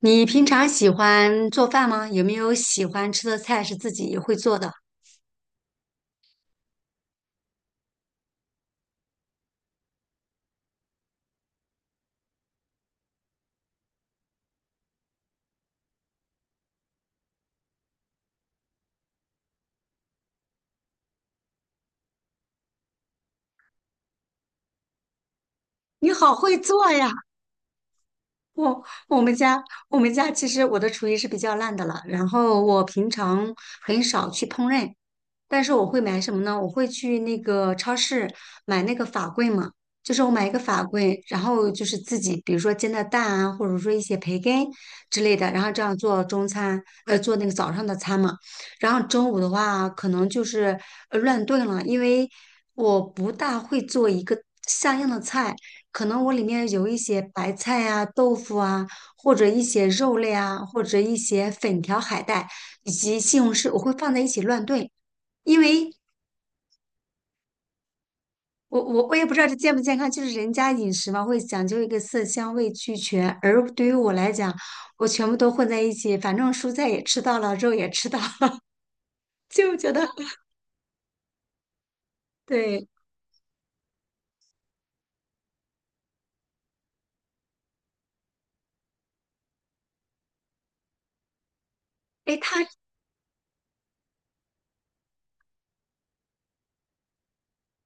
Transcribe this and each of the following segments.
你平常喜欢做饭吗？有没有喜欢吃的菜是自己会做的？你好会做呀！我我们家我们家其实我的厨艺是比较烂的了，然后我平常很少去烹饪，但是我会买什么呢？我会去那个超市买那个法棍嘛，就是我买一个法棍，然后就是自己，比如说煎的蛋啊，或者说一些培根之类的，然后这样做中餐，做那个早上的餐嘛。然后中午的话，可能就是乱炖了，因为我不大会做一个像样的菜，可能我里面有一些白菜啊、豆腐啊，或者一些肉类啊，或者一些粉条、海带以及西红柿，我会放在一起乱炖。因为我也不知道这健不健康，就是人家饮食嘛，会讲究一个色香味俱全，而对于我来讲，我全部都混在一起，反正蔬菜也吃到了，肉也吃到了，就觉得对。哎，他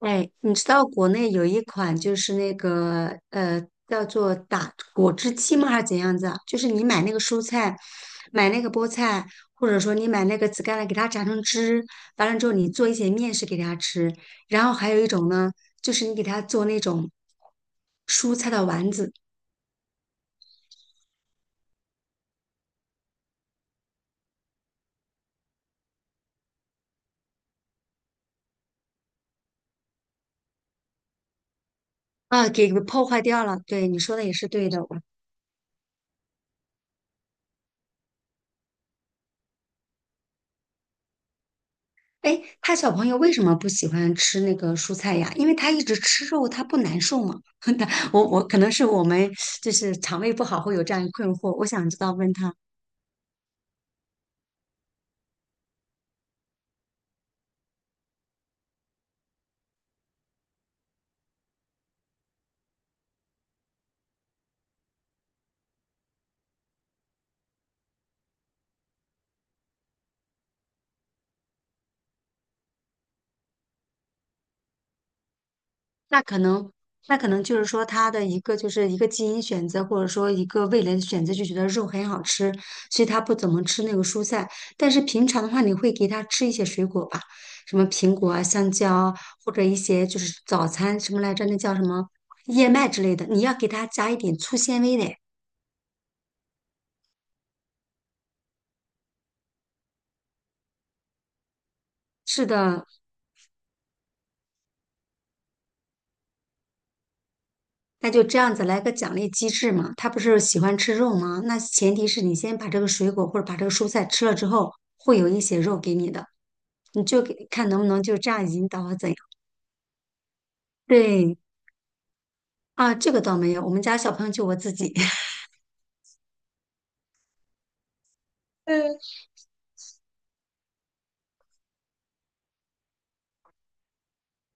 哎，你知道国内有一款就是那个叫做打果汁机吗？还是怎样子啊？就是你买那个蔬菜，买那个菠菜，或者说你买那个紫甘蓝，给它榨成汁，完了之后你做一些面食给它吃。然后还有一种呢，就是你给它做那种蔬菜的丸子啊，给破坏掉了。对，你说的也是对的。哎，他小朋友为什么不喜欢吃那个蔬菜呀？因为他一直吃肉，他不难受吗？他我我可能是我们就是肠胃不好会有这样一困惑，我想知道问他，那可能那可能就是说他的一个就是一个基因选择，或者说一个味蕾的选择，就觉得肉很好吃，所以他不怎么吃那个蔬菜。但是平常的话，你会给他吃一些水果吧，什么苹果啊、香蕉啊，或者一些就是早餐什么来着，那叫什么燕麦之类的，你要给他加一点粗纤维的。是的，那就这样子来个奖励机制嘛。他不是喜欢吃肉吗？那前提是你先把这个水果或者把这个蔬菜吃了之后，会有一些肉给你的，你就给看能不能就这样引导啊怎样。对啊，这个倒没有，我们家小朋友就我自己。嗯，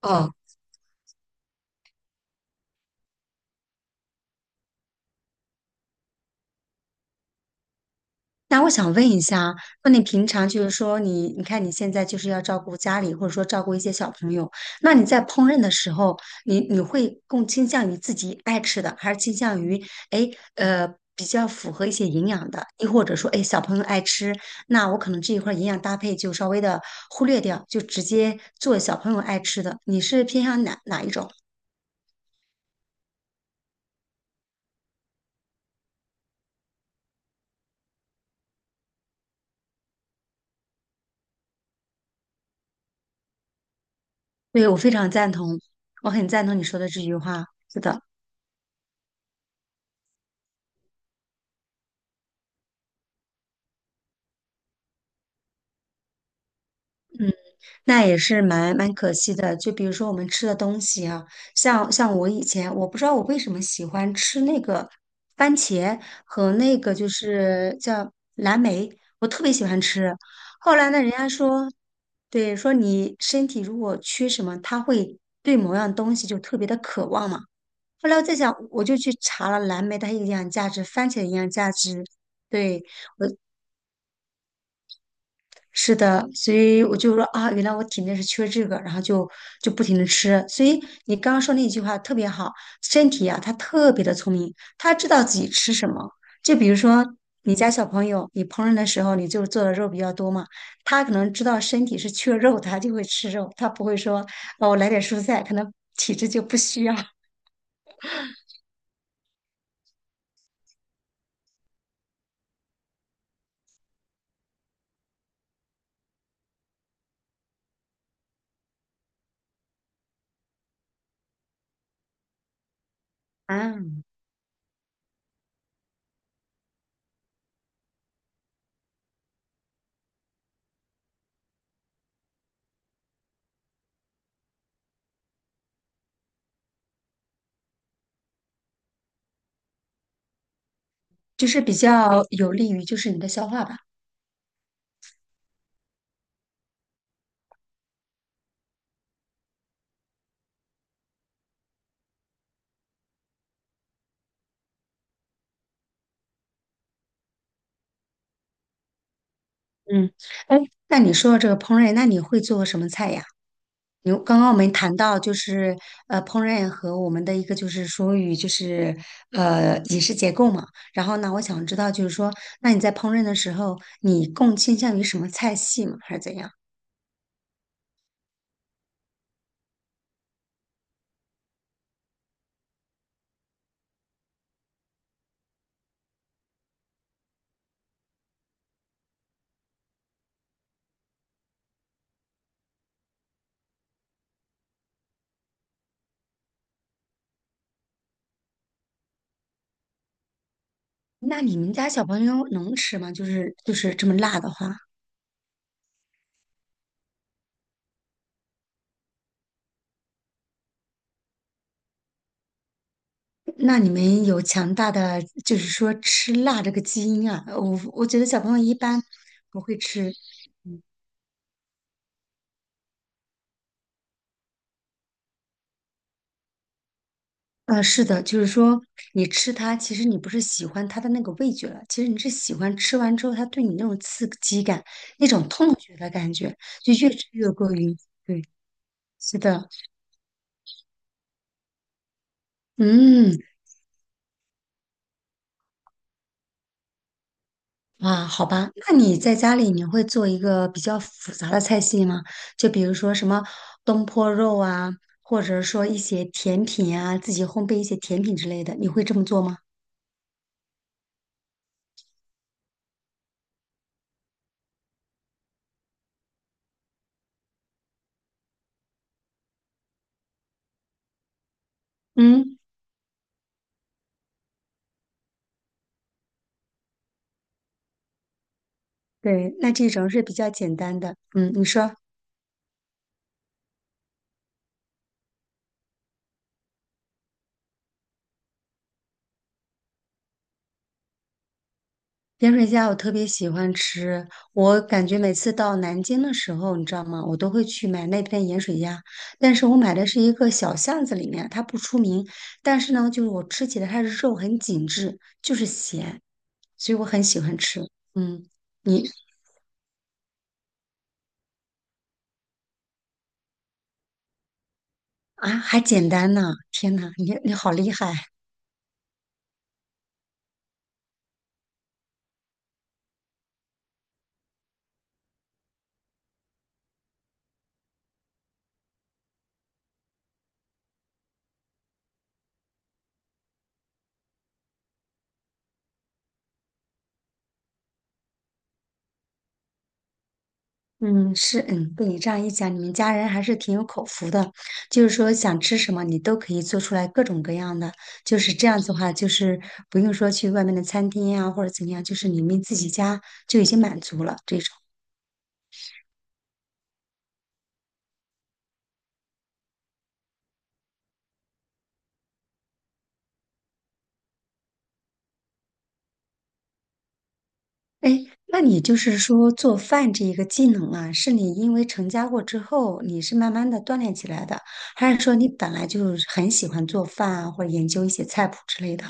哦，那我想问一下，那你平常就是说你，你看你现在就是要照顾家里，或者说照顾一些小朋友，那你在烹饪的时候，你你会更倾向于自己爱吃的，还是倾向于哎呃比较符合一些营养的，亦或者说哎小朋友爱吃，那我可能这一块儿营养搭配就稍微的忽略掉，就直接做小朋友爱吃的，你是偏向哪一种？对，我非常赞同，我很赞同你说的这句话，是的。那也是蛮可惜的。就比如说我们吃的东西啊，像我以前我不知道我为什么喜欢吃那个番茄和那个就是叫蓝莓，我特别喜欢吃。后来呢，人家说，对，说你身体如果缺什么，它会对某样东西就特别的渴望嘛。后来我在想，我就去查了蓝莓它营养价值，番茄的营养价值，对。是的，所以我就说啊，原来我体内是缺这个，然后就就不停的吃。所以你刚刚说那句话特别好，身体啊，它特别的聪明，它知道自己吃什么。就比如说你家小朋友，你烹饪的时候你就做的肉比较多嘛，他可能知道身体是缺肉，他就会吃肉，他不会说哦，我来点蔬菜，可能体质就不需要。啊，就是比较有利于就是你的消化吧。嗯，哎，那你说到这个烹饪，那你会做什么菜呀？有，刚刚我们谈到就是烹饪和我们的一个就是属于就是饮食结构嘛，然后呢，我想知道就是说，那你在烹饪的时候，你更倾向于什么菜系嘛还是怎样？那你们家小朋友能吃吗？就是这么辣的话，那你们有强大的就是说吃辣这个基因啊？我觉得小朋友一般不会吃。是的，就是说你吃它，其实你不是喜欢它的那个味觉了，其实你是喜欢吃完之后它对你那种刺激感、那种痛觉的感觉，就越吃越过瘾。对，是的，嗯，啊，好吧，那你在家里你会做一个比较复杂的菜系吗？就比如说什么东坡肉啊，或者说一些甜品啊，自己烘焙一些甜品之类的，你会这么做吗？嗯，对，那这种是比较简单的。嗯，你说。盐水鸭我特别喜欢吃，我感觉每次到南京的时候，你知道吗？我都会去买那边盐水鸭，但是我买的是一个小巷子里面，它不出名，但是呢，就是我吃起来它的肉很紧致，就是咸，所以我很喜欢吃。嗯，你啊还简单呢，天呐，你好厉害！嗯，是，嗯，被你这样一讲，你们家人还是挺有口福的，就是说想吃什么你都可以做出来各种各样的，就是这样子的话，就是不用说去外面的餐厅呀、或者怎么样，就是你们自己家就已经满足了这种。哎，那你就是说做饭这一个技能啊，是你因为成家过之后，你是慢慢的锻炼起来的，还是说你本来就很喜欢做饭啊，或者研究一些菜谱之类的？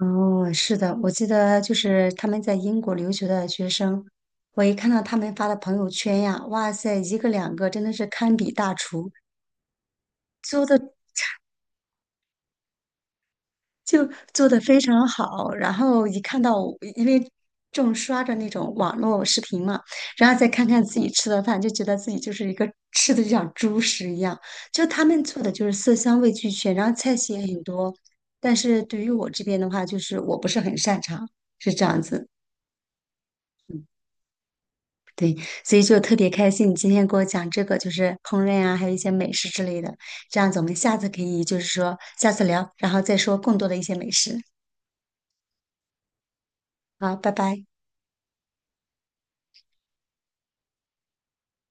哦，是的，我记得就是他们在英国留学的学生，我一看到他们发的朋友圈呀，哇塞，一个两个真的是堪比大厨，做的就做的非常好。然后一看到我因为正刷着那种网络视频嘛，然后再看看自己吃的饭，就觉得自己就是一个吃的就像猪食一样。就他们做的就是色香味俱全，然后菜系也很多。但是对于我这边的话，就是我不是很擅长，是这样子。嗯对，所以就特别开心，你今天给我讲这个，就是烹饪啊，还有一些美食之类的。这样子，我们下次可以就是说下次聊，然后再说更多的一些美食。好，拜拜。